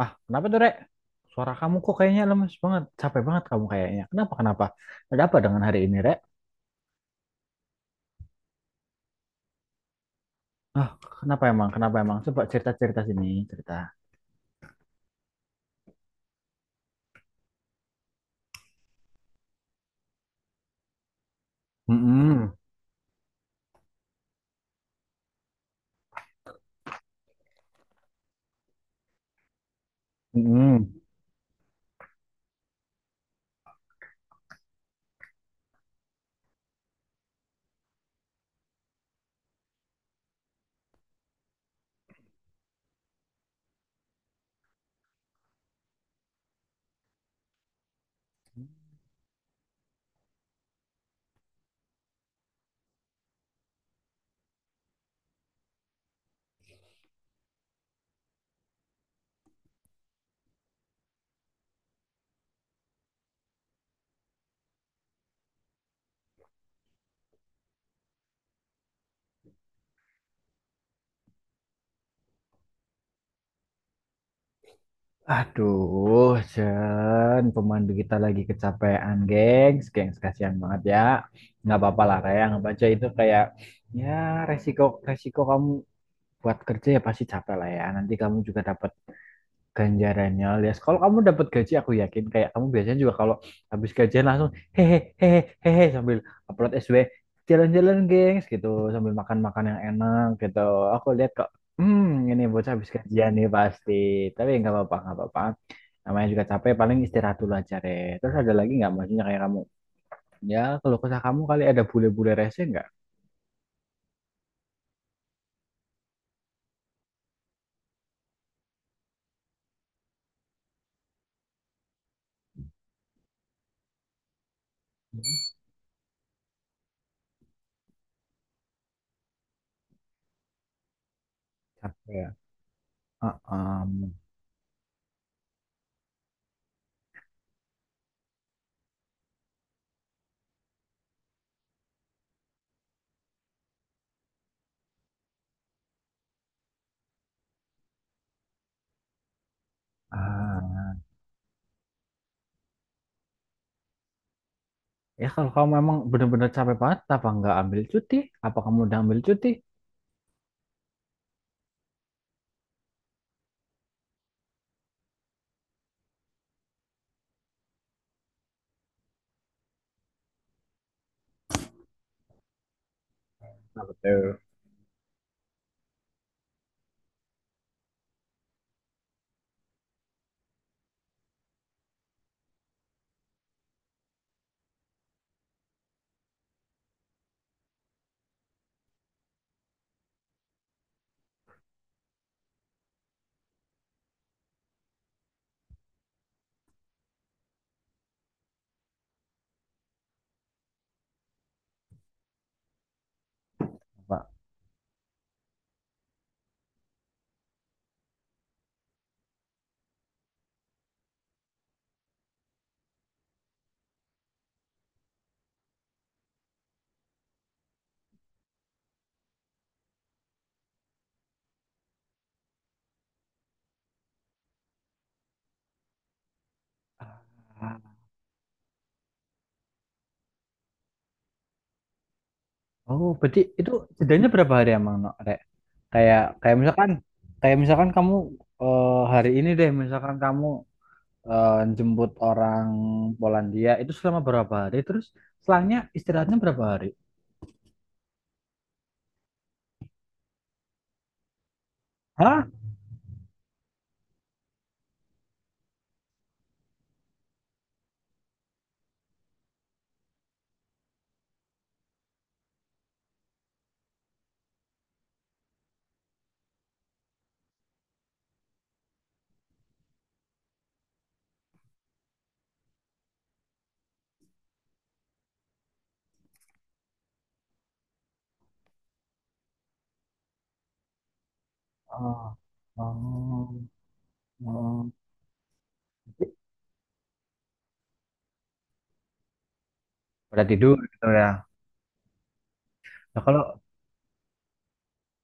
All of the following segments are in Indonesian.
Ah, kenapa tuh, Rek? Suara kamu kok kayaknya lemes banget. Capek banget kamu kayaknya. Kenapa? Ada apa dengan hari ini, Rek? Ah, kenapa emang? Kenapa emang? Coba cerita-cerita sini, cerita. Mm-mm, mm-mm. Aduh, Jen, pemandu kita lagi kecapean, gengs. Gengs, kasihan banget ya. Nggak apa-apa lah, kayak nggak baca itu kayak, ya resiko resiko kamu buat kerja ya pasti capek lah ya. Nanti kamu juga dapat ganjarannya alias kalau kamu dapat gaji aku yakin kayak kamu biasanya juga kalau habis gajian langsung hehe hehe hehe sambil upload SW jalan-jalan gengs gitu sambil makan-makan yang enak gitu aku lihat kok hmm ini bocah habis gajian nih pasti tapi nggak apa-apa namanya juga capek paling istirahat dulu aja Re. Terus ada lagi nggak maksudnya kayak kamu ya kalau kesah kamu kali ada bule-bule rese nggak capek ya. Uh-um. Ah. Ya kalau kamu memang benar-benar capek banget, apa nggak ambil cuti? Apa kamu udah ambil cuti? Nah, betul. Apa? Ah. Oh, berarti itu jedanya berapa hari emang, no, Rek? Kayak kayak misalkan kamu hari ini deh, misalkan kamu eh, jemput orang Polandia itu selama berapa hari? Terus selangnya istirahatnya berapa hari? Hah? Oh, oh, oh. Berarti tidur gitu ya. Nah, kalau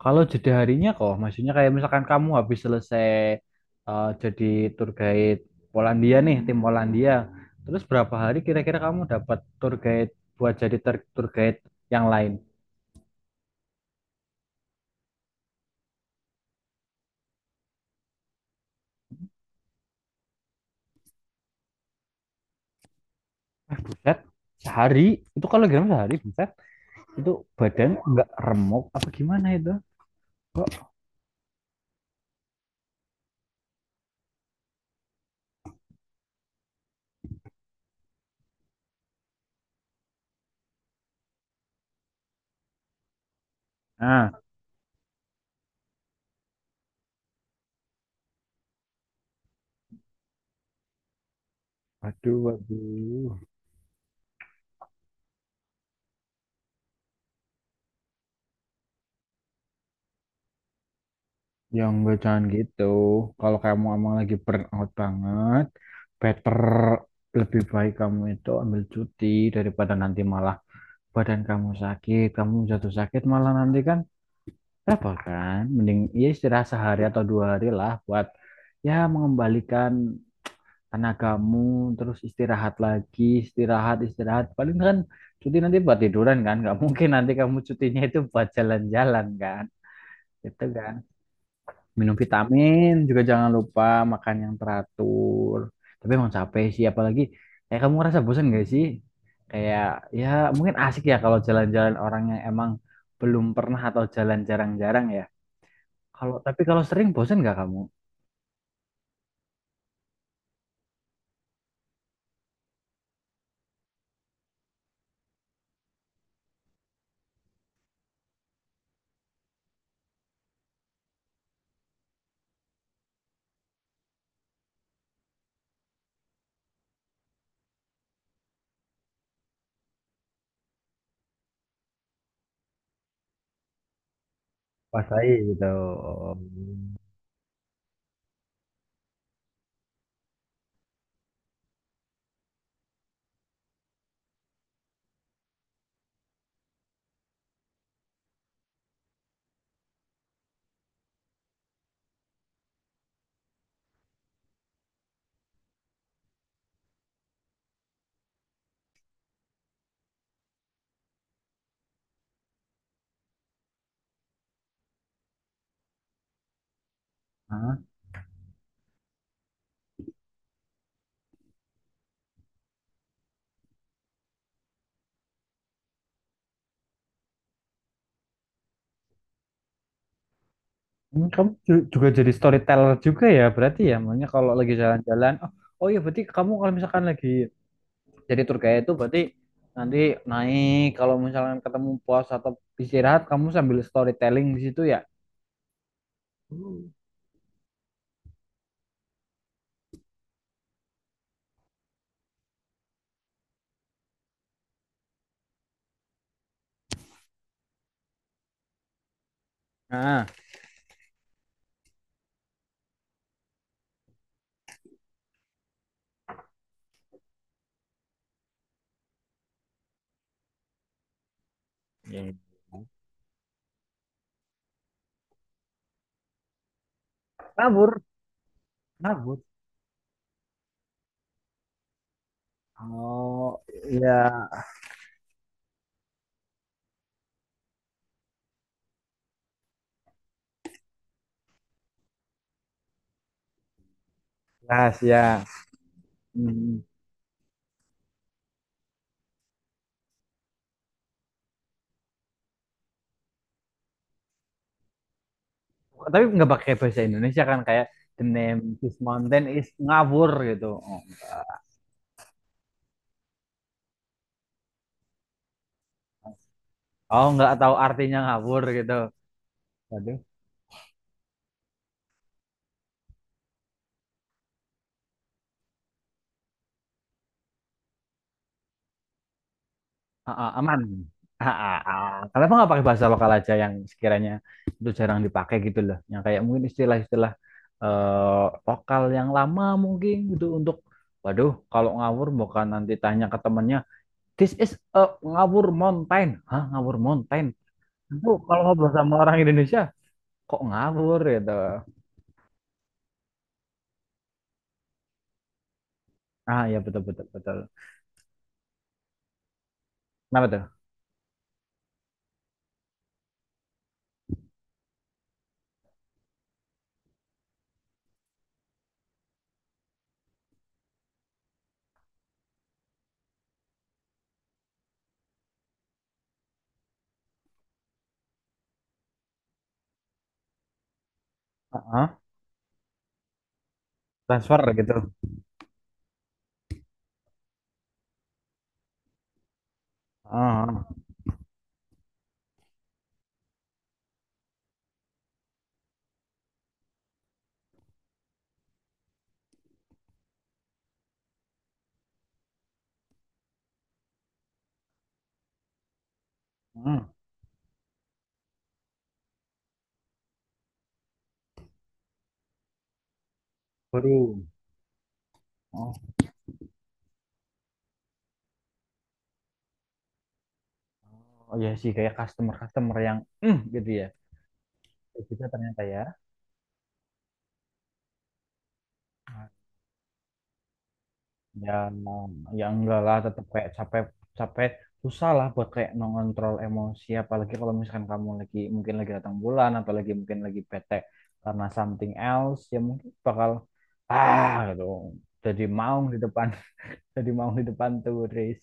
kalau jeda harinya kok, maksudnya kayak misalkan kamu habis selesai jadi tour guide Polandia nih, tim Polandia. Terus berapa hari kira-kira kamu dapat tour guide buat jadi tour guide yang lain? Eh, buset, sehari. Itu kalau gimana sehari, buset. Itu badan nggak remuk apa gimana itu? Kok? Ah, aduh, aduh. Ya enggak, jangan gitu. Kalau kamu emang lagi burn out banget, better lebih baik kamu itu ambil cuti daripada nanti malah badan kamu sakit, kamu jatuh sakit malah nanti kan repot kan. Mending ya istirahat sehari atau dua hari lah buat ya mengembalikan tenagamu, terus istirahat lagi, istirahat, istirahat. Paling kan cuti nanti buat tiduran kan, nggak mungkin nanti kamu cutinya itu buat jalan-jalan kan. Itu kan minum vitamin juga jangan lupa makan yang teratur tapi emang capek sih apalagi kayak kamu ngerasa bosan gak sih kayak ya mungkin asik ya kalau jalan-jalan orang yang emang belum pernah atau jalan jarang-jarang ya kalau tapi kalau sering bosan gak kamu. Pasai gitu. Hah? Hmm. Juga jadi storyteller juga ya berarti ya, makanya kalau lagi jalan-jalan, oh iya berarti kamu kalau misalkan lagi jadi tour guide itu berarti nanti naik kalau misalnya ketemu pos atau istirahat kamu sambil storytelling di situ ya. Nah. Iya. Kabur. Kabur. Oh iya. Rahasia. Hmm. Tapi nggak pakai bahasa Indonesia kan kayak the name this mountain is ngabur gitu. Oh nggak tahu artinya ngabur gitu. Berarti ah, ah, aman. Ah, ah, ah. Kenapa nggak pakai bahasa lokal aja yang sekiranya itu jarang dipakai gitu loh. Yang kayak mungkin istilah-istilah eh, lokal yang lama mungkin gitu untuk waduh, kalau ngawur bukan nanti tanya ke temennya, this is a ngawur mountain. Hah, ngawur mountain? Itu kalau ngobrol sama orang Indonesia, kok ngawur gitu. Ah, ya betul. Kenapa tuh? Ah, ah, transfer gitu. Ah, ah. Hmm, baru. Oh. Oh iya sih kayak customer-customer yang "Mm," gitu ya. Kayak gitu ternyata ya. Ya ya enggak lah tetap kayak capek capek susah lah buat kayak mengontrol emosi apalagi kalau misalkan kamu lagi mungkin lagi datang bulan atau lagi mungkin lagi bete karena something else ya mungkin bakal ah gitu. Jadi maung di depan jadi maung di depan turis.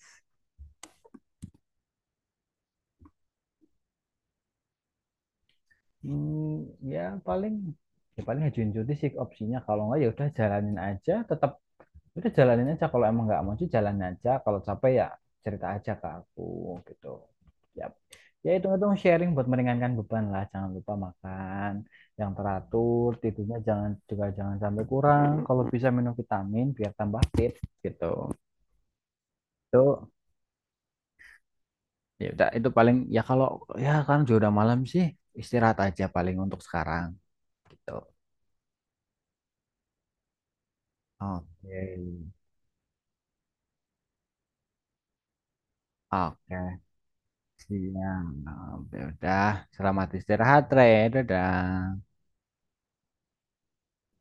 Hmm, ya paling ya paling ajuin cuti sih opsinya kalau enggak ya udah jalanin aja tetap. Udah jalanin aja kalau emang nggak mau sih jalan aja. Kalau capek ya cerita aja ke aku gitu. Ya, ya hitung-hitung sharing buat meringankan beban lah. Jangan lupa makan yang teratur, tidurnya jangan juga jangan sampai kurang. Kalau bisa minum vitamin biar tambah fit gitu. Itu ya udah itu paling ya kalau ya kan juga udah malam sih istirahat aja paling untuk sekarang gitu. Oke. Oke. Siang. Ya udah, selamat istirahat, Re. Dadah.